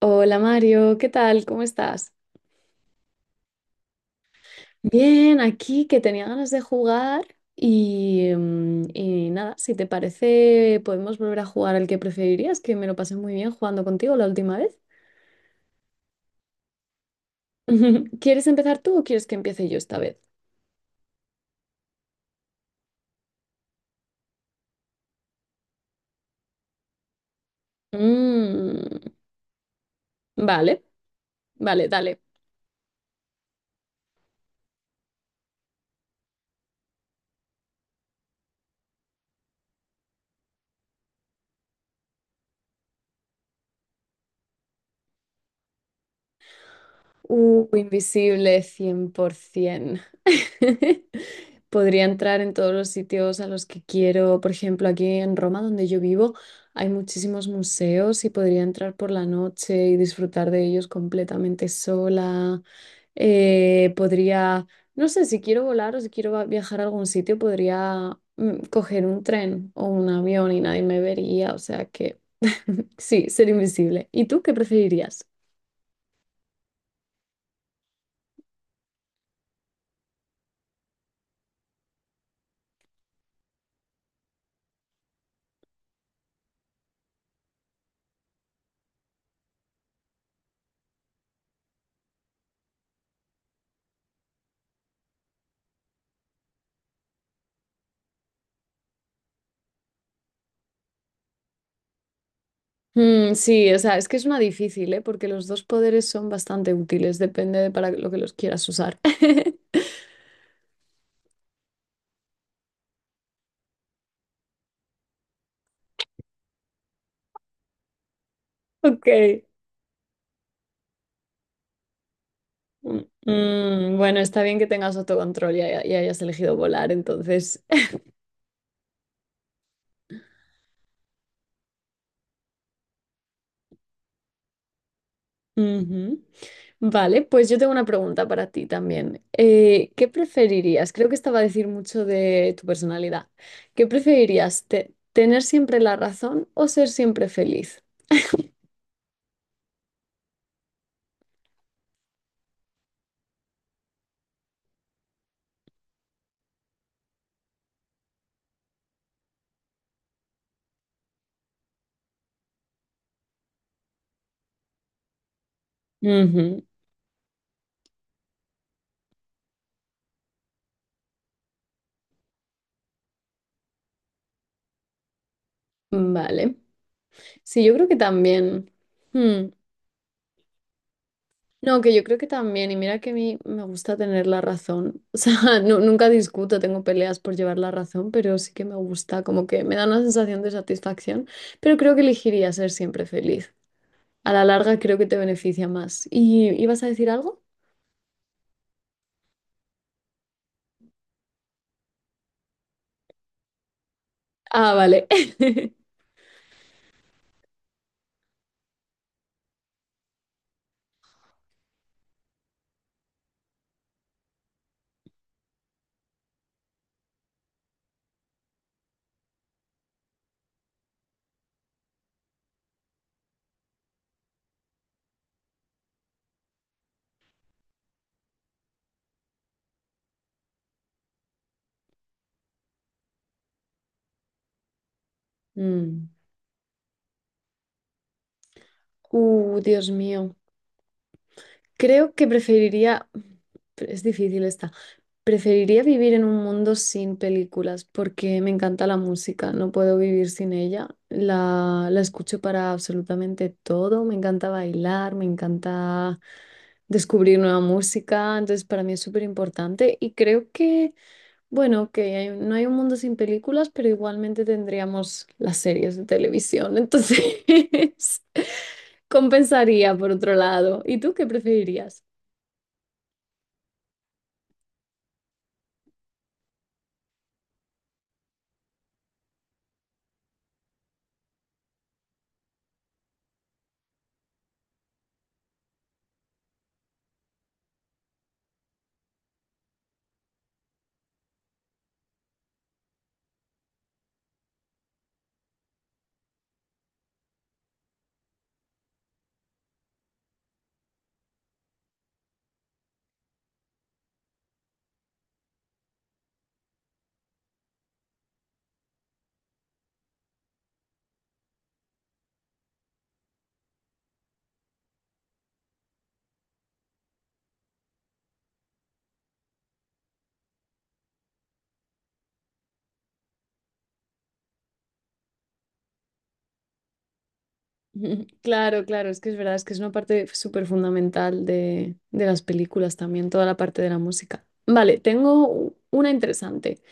Hola Mario, ¿qué tal? ¿Cómo estás? Bien, aquí que tenía ganas de jugar y y nada, si te parece, podemos volver a jugar al que preferirías, que me lo pasé muy bien jugando contigo la última vez. ¿Quieres empezar tú o quieres que empiece yo esta vez? Mm, vale, vale, dale. Invisible, 100%. Podría entrar en todos los sitios a los que quiero. Por ejemplo, aquí en Roma, donde yo vivo, hay muchísimos museos y podría entrar por la noche y disfrutar de ellos completamente sola. Podría, no sé, si quiero volar o si quiero viajar a algún sitio, podría coger un tren o un avión y nadie me vería. O sea que sí, ser invisible. ¿Y tú qué preferirías? Mm, sí, o sea, es que es una difícil, ¿eh? Porque los dos poderes son bastante útiles, depende de para lo que los quieras usar. Ok. Mm, bueno, está bien que tengas autocontrol y, y hayas elegido volar, entonces. Ujú. Vale, pues yo tengo una pregunta para ti también. ¿Qué preferirías? Creo que esta va a decir mucho de tu personalidad. ¿Qué preferirías? ¿Tener siempre la razón o ser siempre feliz? Ujú. Vale. Sí, yo creo que también. Hmm. No, que yo creo que también, y mira que a mí me gusta tener la razón. O sea, nunca discuto, tengo peleas por llevar la razón, pero sí que me gusta, como que me da una sensación de satisfacción, pero creo que elegiría ser siempre feliz. A la larga creo que te beneficia más. ¿Y ibas a decir algo? Ah, vale. Mm. Dios mío. Creo que preferiría... Es difícil esta. Preferiría vivir en un mundo sin películas porque me encanta la música, no puedo vivir sin ella. La escucho para absolutamente todo, me encanta bailar, me encanta descubrir nueva música, entonces para mí es súper importante y creo que, bueno, que no hay un mundo sin películas, pero igualmente tendríamos las series de televisión, entonces compensaría por otro lado. ¿Y tú qué preferirías? Ujú. Claro, claro, es que es verdad, es que es una parte súper fundamental de las películas también, toda la parte de la música. Vale, tengo una interesante.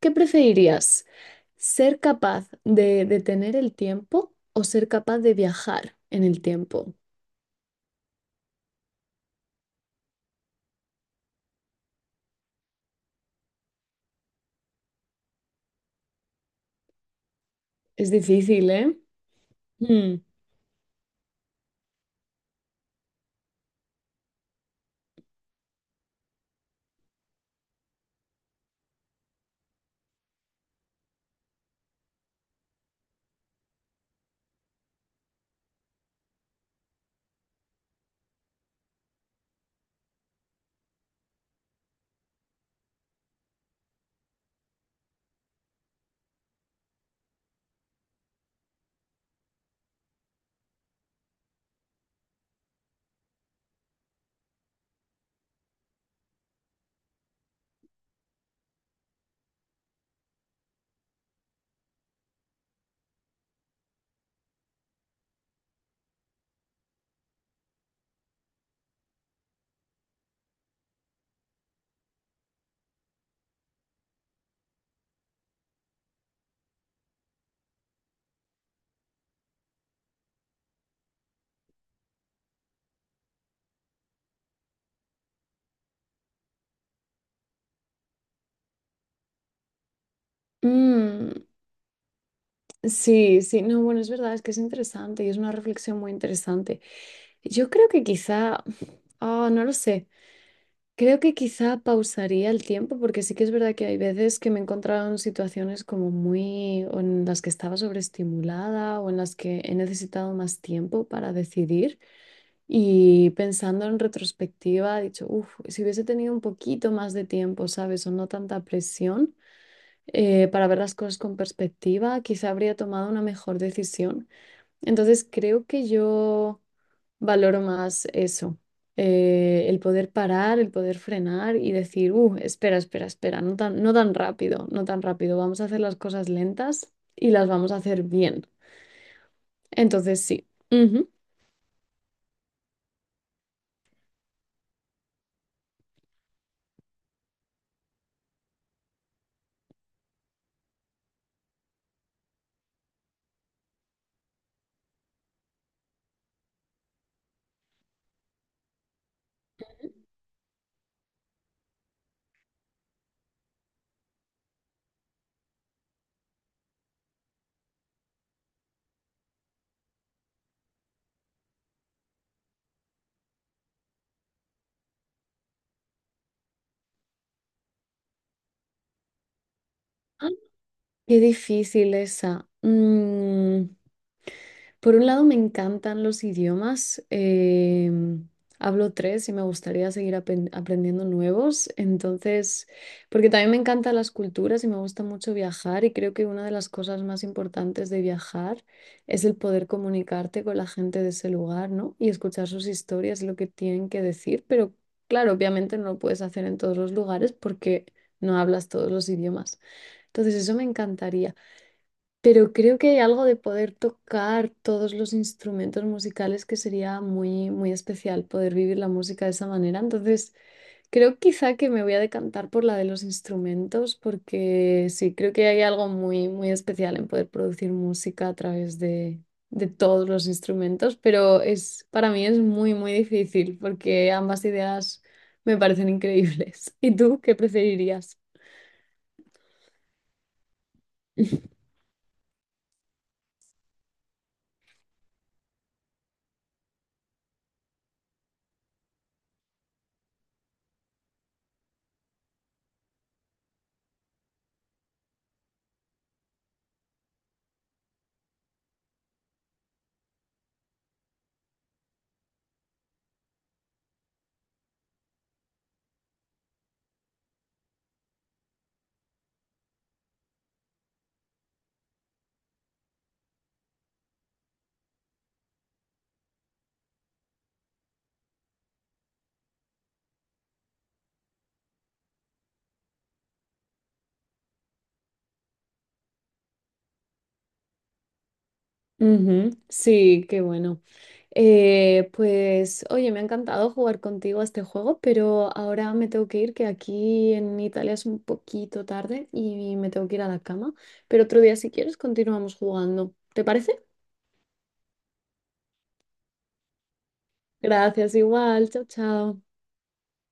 ¿Qué preferirías? ¿Ser capaz de detener el tiempo o ser capaz de viajar en el tiempo? Es difícil, ¿eh? Mm. Mm, sí, sí, no, bueno, es verdad, es que es interesante y es una reflexión muy interesante. Yo creo que quizá, no lo sé. Creo que quizá pausaría el tiempo porque sí que es verdad que hay veces que me he encontrado en situaciones como muy o en las que estaba sobreestimulada o en las que he necesitado más tiempo para decidir y pensando en retrospectiva he dicho, uff, si hubiese tenido un poquito más de tiempo, ¿sabes? O no tanta presión para ver las cosas con perspectiva, quizá habría tomado una mejor decisión. Entonces creo que yo valoro más eso, el poder parar, el poder frenar y decir, espera, espera, espera, no tan, no tan rápido, no tan rápido, vamos a hacer las cosas lentas y las vamos a hacer bien. Entonces, sí. Ujú. ¡Ah! Qué difícil esa. Mm, por un lado, me encantan los idiomas. Hablo 3 y me gustaría seguir aprendiendo nuevos. Entonces, porque también me encantan las culturas y me gusta mucho viajar y creo que una de las cosas más importantes de viajar es el poder comunicarte con la gente de ese lugar, ¿no? Y escuchar sus historias, lo que tienen que decir. Pero claro, obviamente no lo puedes hacer en todos los lugares porque no hablas todos los idiomas. Entonces, eso me encantaría. Pero creo que hay algo de poder tocar todos los instrumentos musicales que sería muy, muy especial poder vivir la música de esa manera. Entonces, creo quizá que me voy a decantar por la de los instrumentos porque sí, creo que hay algo muy, muy especial en poder producir música a través de todos los instrumentos, pero es, para mí es muy, muy difícil porque ambas ideas me parecen increíbles. ¿Y tú qué preferirías? Ujú, sí, qué bueno. Pues oye, me ha encantado jugar contigo a este juego, pero ahora me tengo que ir, que aquí en Italia es un poquito tarde y me tengo que ir a la cama. Pero otro día, si quieres, continuamos jugando. ¿Te parece? Gracias, igual. Chao, chao.